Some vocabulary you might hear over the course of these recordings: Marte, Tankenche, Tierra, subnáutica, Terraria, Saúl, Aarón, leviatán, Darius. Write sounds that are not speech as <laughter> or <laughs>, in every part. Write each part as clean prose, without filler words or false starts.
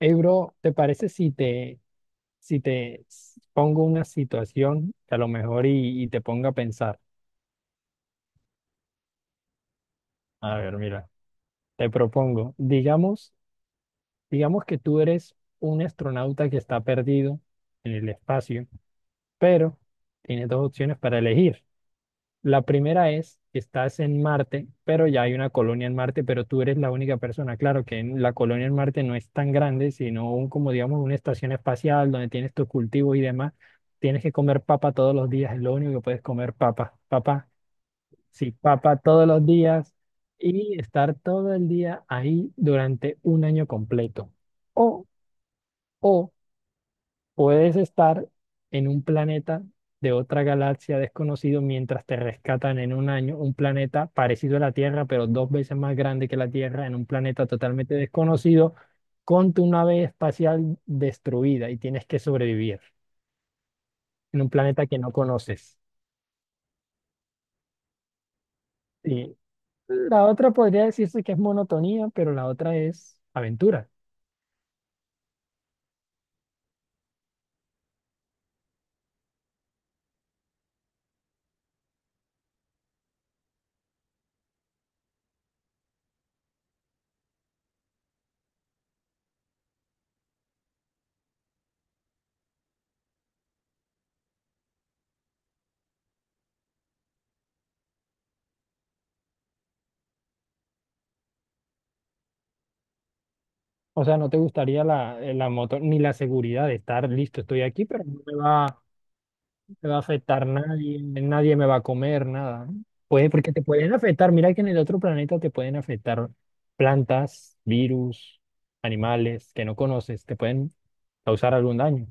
Hey, bro, ¿te parece si te pongo una situación que a lo mejor y te ponga a pensar? A ver, mira, te propongo, digamos que tú eres un astronauta que está perdido en el espacio, pero tienes dos opciones para elegir. La primera es, estás en Marte, pero ya hay una colonia en Marte, pero tú eres la única persona. Claro que la colonia en Marte no es tan grande, sino como digamos una estación espacial donde tienes tus cultivos y demás. Tienes que comer papa todos los días, es lo único que puedes comer papa, papa, sí, papa todos los días y estar todo el día ahí durante un año completo. O, o puedes estar en un planeta de otra galaxia desconocido mientras te rescatan en un año, un planeta parecido a la Tierra, pero dos veces más grande que la Tierra, en un planeta totalmente desconocido, con tu nave espacial destruida y tienes que sobrevivir en un planeta que no conoces. Y la otra podría decirse que es monotonía, pero la otra es aventura. O sea, no te gustaría la, la moto ni la seguridad de estar listo, estoy aquí, pero no me va a afectar nadie, nadie me va a comer, nada, ¿no? Puede, porque te pueden afectar, mira que en el otro planeta te pueden afectar plantas, virus, animales que no conoces, te pueden causar algún daño.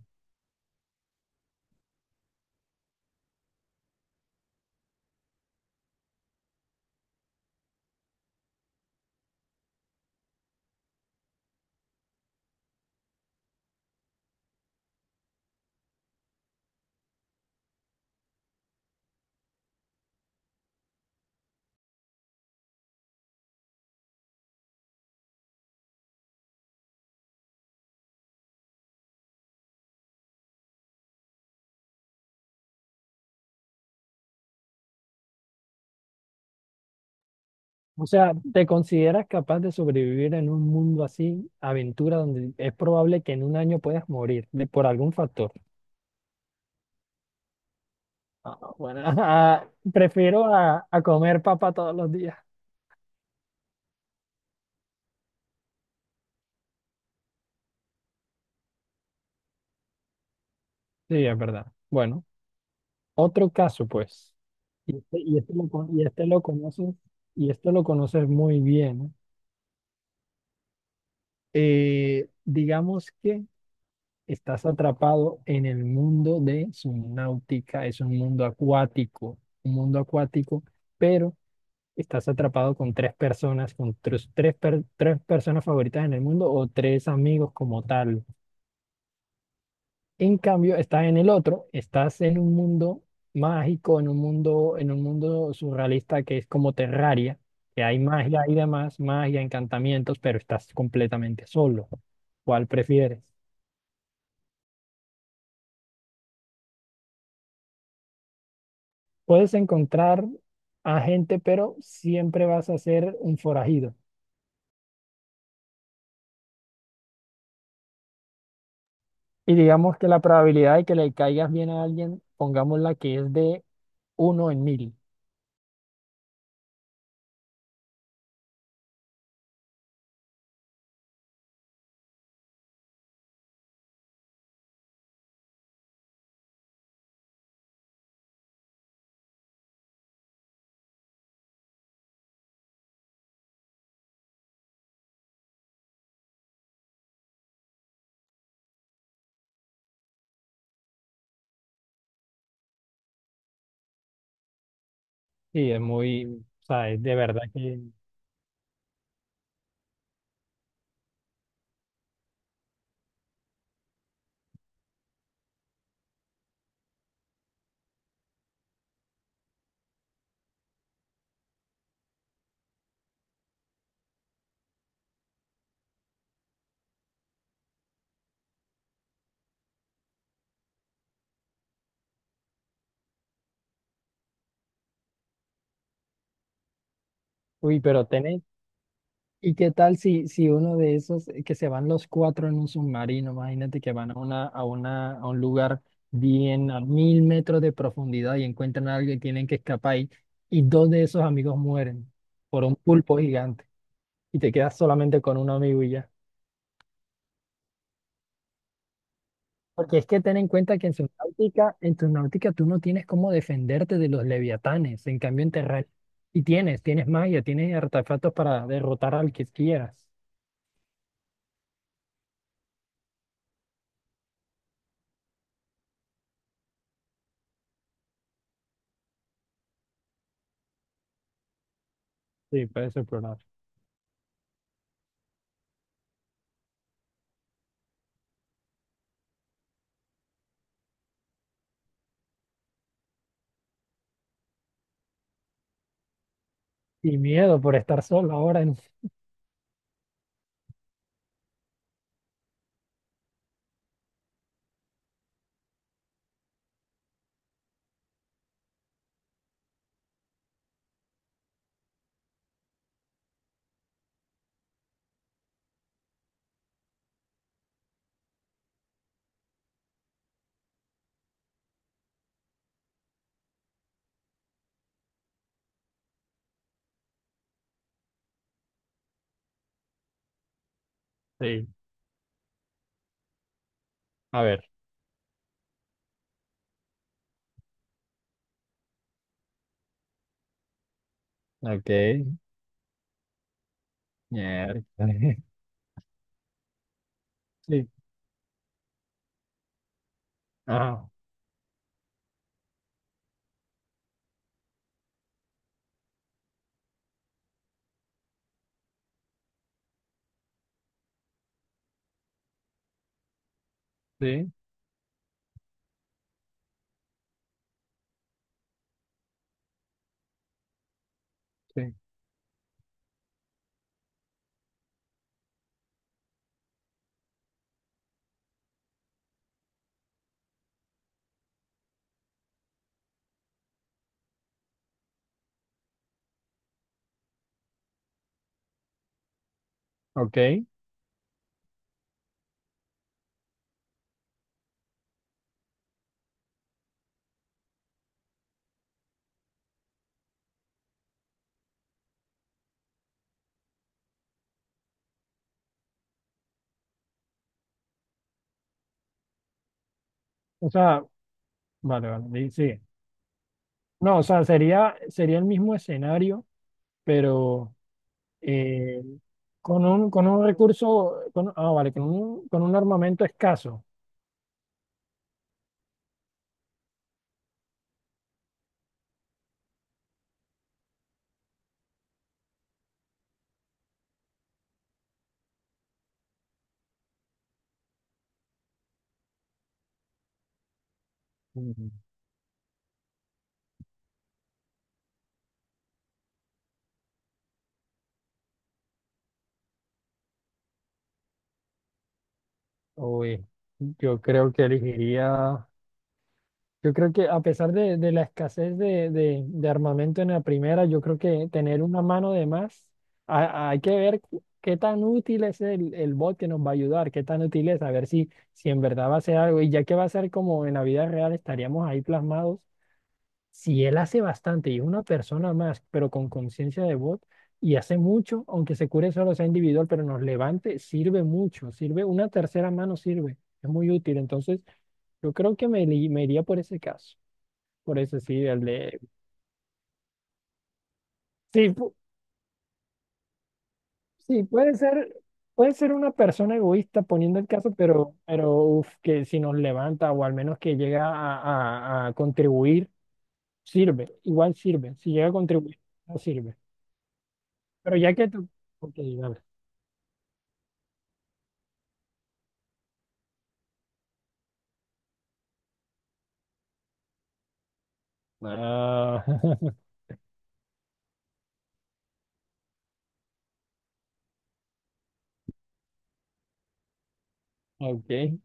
O sea, ¿te consideras capaz de sobrevivir en un mundo así, aventura, donde es probable que en un año puedas morir de, por algún factor? Ah, bueno, <laughs> ah, prefiero a, comer papa todos los días. Sí, es verdad. Bueno, otro caso, pues. Y este, y este lo conoces, y esto lo conoces muy bien, ¿no? Digamos que estás atrapado en el mundo de subnáutica, es un mundo acuático, pero estás atrapado con tres personas favoritas en el mundo o tres amigos como tal. En cambio, estás en el otro, estás en un mundo mágico, en un mundo surrealista que es como Terraria, que hay magia y demás, magia, encantamientos, pero estás completamente solo. ¿Cuál prefieres? Puedes encontrar a gente, pero siempre vas a ser un forajido. Y digamos que la probabilidad de que le caigas bien a alguien, pongámosla que es de 1 en 1000. Sí, es muy, o sea, es de verdad que... Uy, pero ten, ¿y qué tal si, uno de esos, que se van los cuatro en un submarino, imagínate que van a un lugar bien a 1000 metros de profundidad y encuentran a alguien y tienen que escapar y dos de esos amigos mueren por un pulpo gigante y te quedas solamente con un amigo y ya? Porque es que ten en cuenta que en su náutica, en tu náutica tú no tienes cómo defenderte de los leviatanes, en cambio en terrestre y tienes magia, tienes artefactos para derrotar al que quieras. Sí, para ese programa. Y miedo por estar solo ahora en... Sí, a ver, ok, miércoles. <laughs> Sí, ajá, sí, sí, ok. O sea, vale, vale, sigue. No, o sea, sería, el mismo escenario, pero eh, con un, con un, recurso, con, vale, con un armamento escaso. Mm. Uy, yo creo que elegiría. Yo creo que a pesar de, la escasez de armamento en la primera, yo creo que tener una mano de más, hay que ver qué tan útil es el, bot que nos va a ayudar, qué tan útil es, a ver si en verdad va a hacer algo. Y ya que va a ser como en la vida real, estaríamos ahí plasmados. Si él hace bastante y es una persona más, pero con conciencia de bot, y hace mucho, aunque se cure solo sea individual, pero nos levante, sirve mucho, sirve, una tercera mano sirve, es muy útil. Entonces, yo creo que me, me iría por ese caso. Por eso sí, el de... Sí, sí, puede ser una persona egoísta poniendo el caso, pero uf, que si nos levanta o al menos que llega a, a contribuir, sirve, igual sirve. Si llega a contribuir, no sirve. Pero ya que tú... Ok, dale. Ah, <laughs> ok.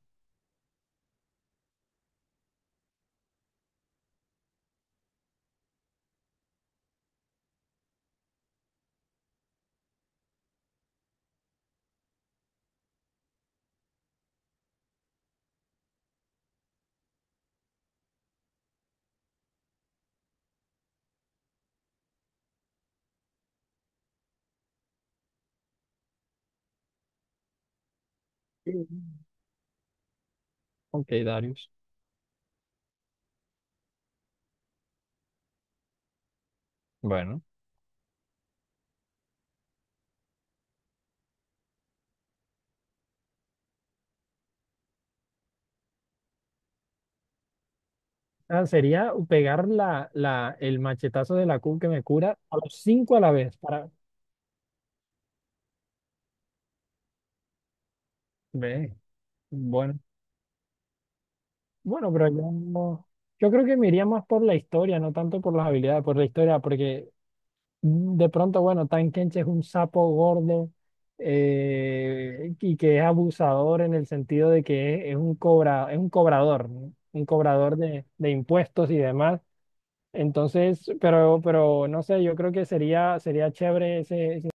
Ok, Darius. Bueno, ah, sería pegar la, el machetazo de la Q que me cura a los cinco a la vez. Para... Ve, bueno. Bueno, pero yo, yo creo que me iría más por la historia, no tanto por las habilidades, por la historia, porque de pronto, bueno, Tankenche es un sapo gordo, y que es abusador en el sentido de que es, un cobra, es un cobrador, ¿no? Un cobrador de, impuestos y demás. Entonces, pero no sé, yo creo que sería chévere ese, ese-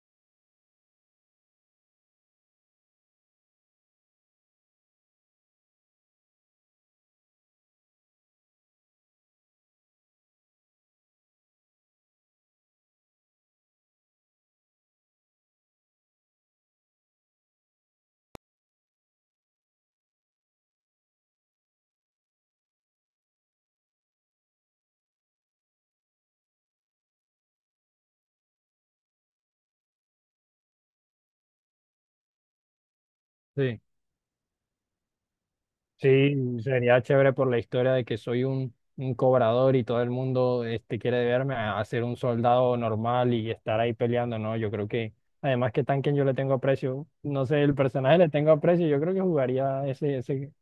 Sí. Sí, sería chévere por la historia de que soy un, cobrador y todo el mundo este, quiere verme a ser un soldado normal y estar ahí peleando, ¿no? Yo creo que, además que Tanken yo le tengo aprecio, no sé, el personaje le tengo aprecio, yo creo que jugaría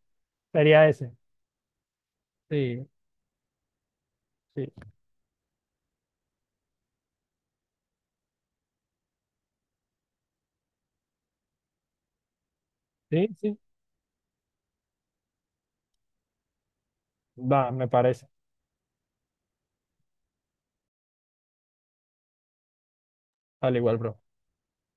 sería ese. Sí, sí, sí, sí, va, me parece, al igual, bro.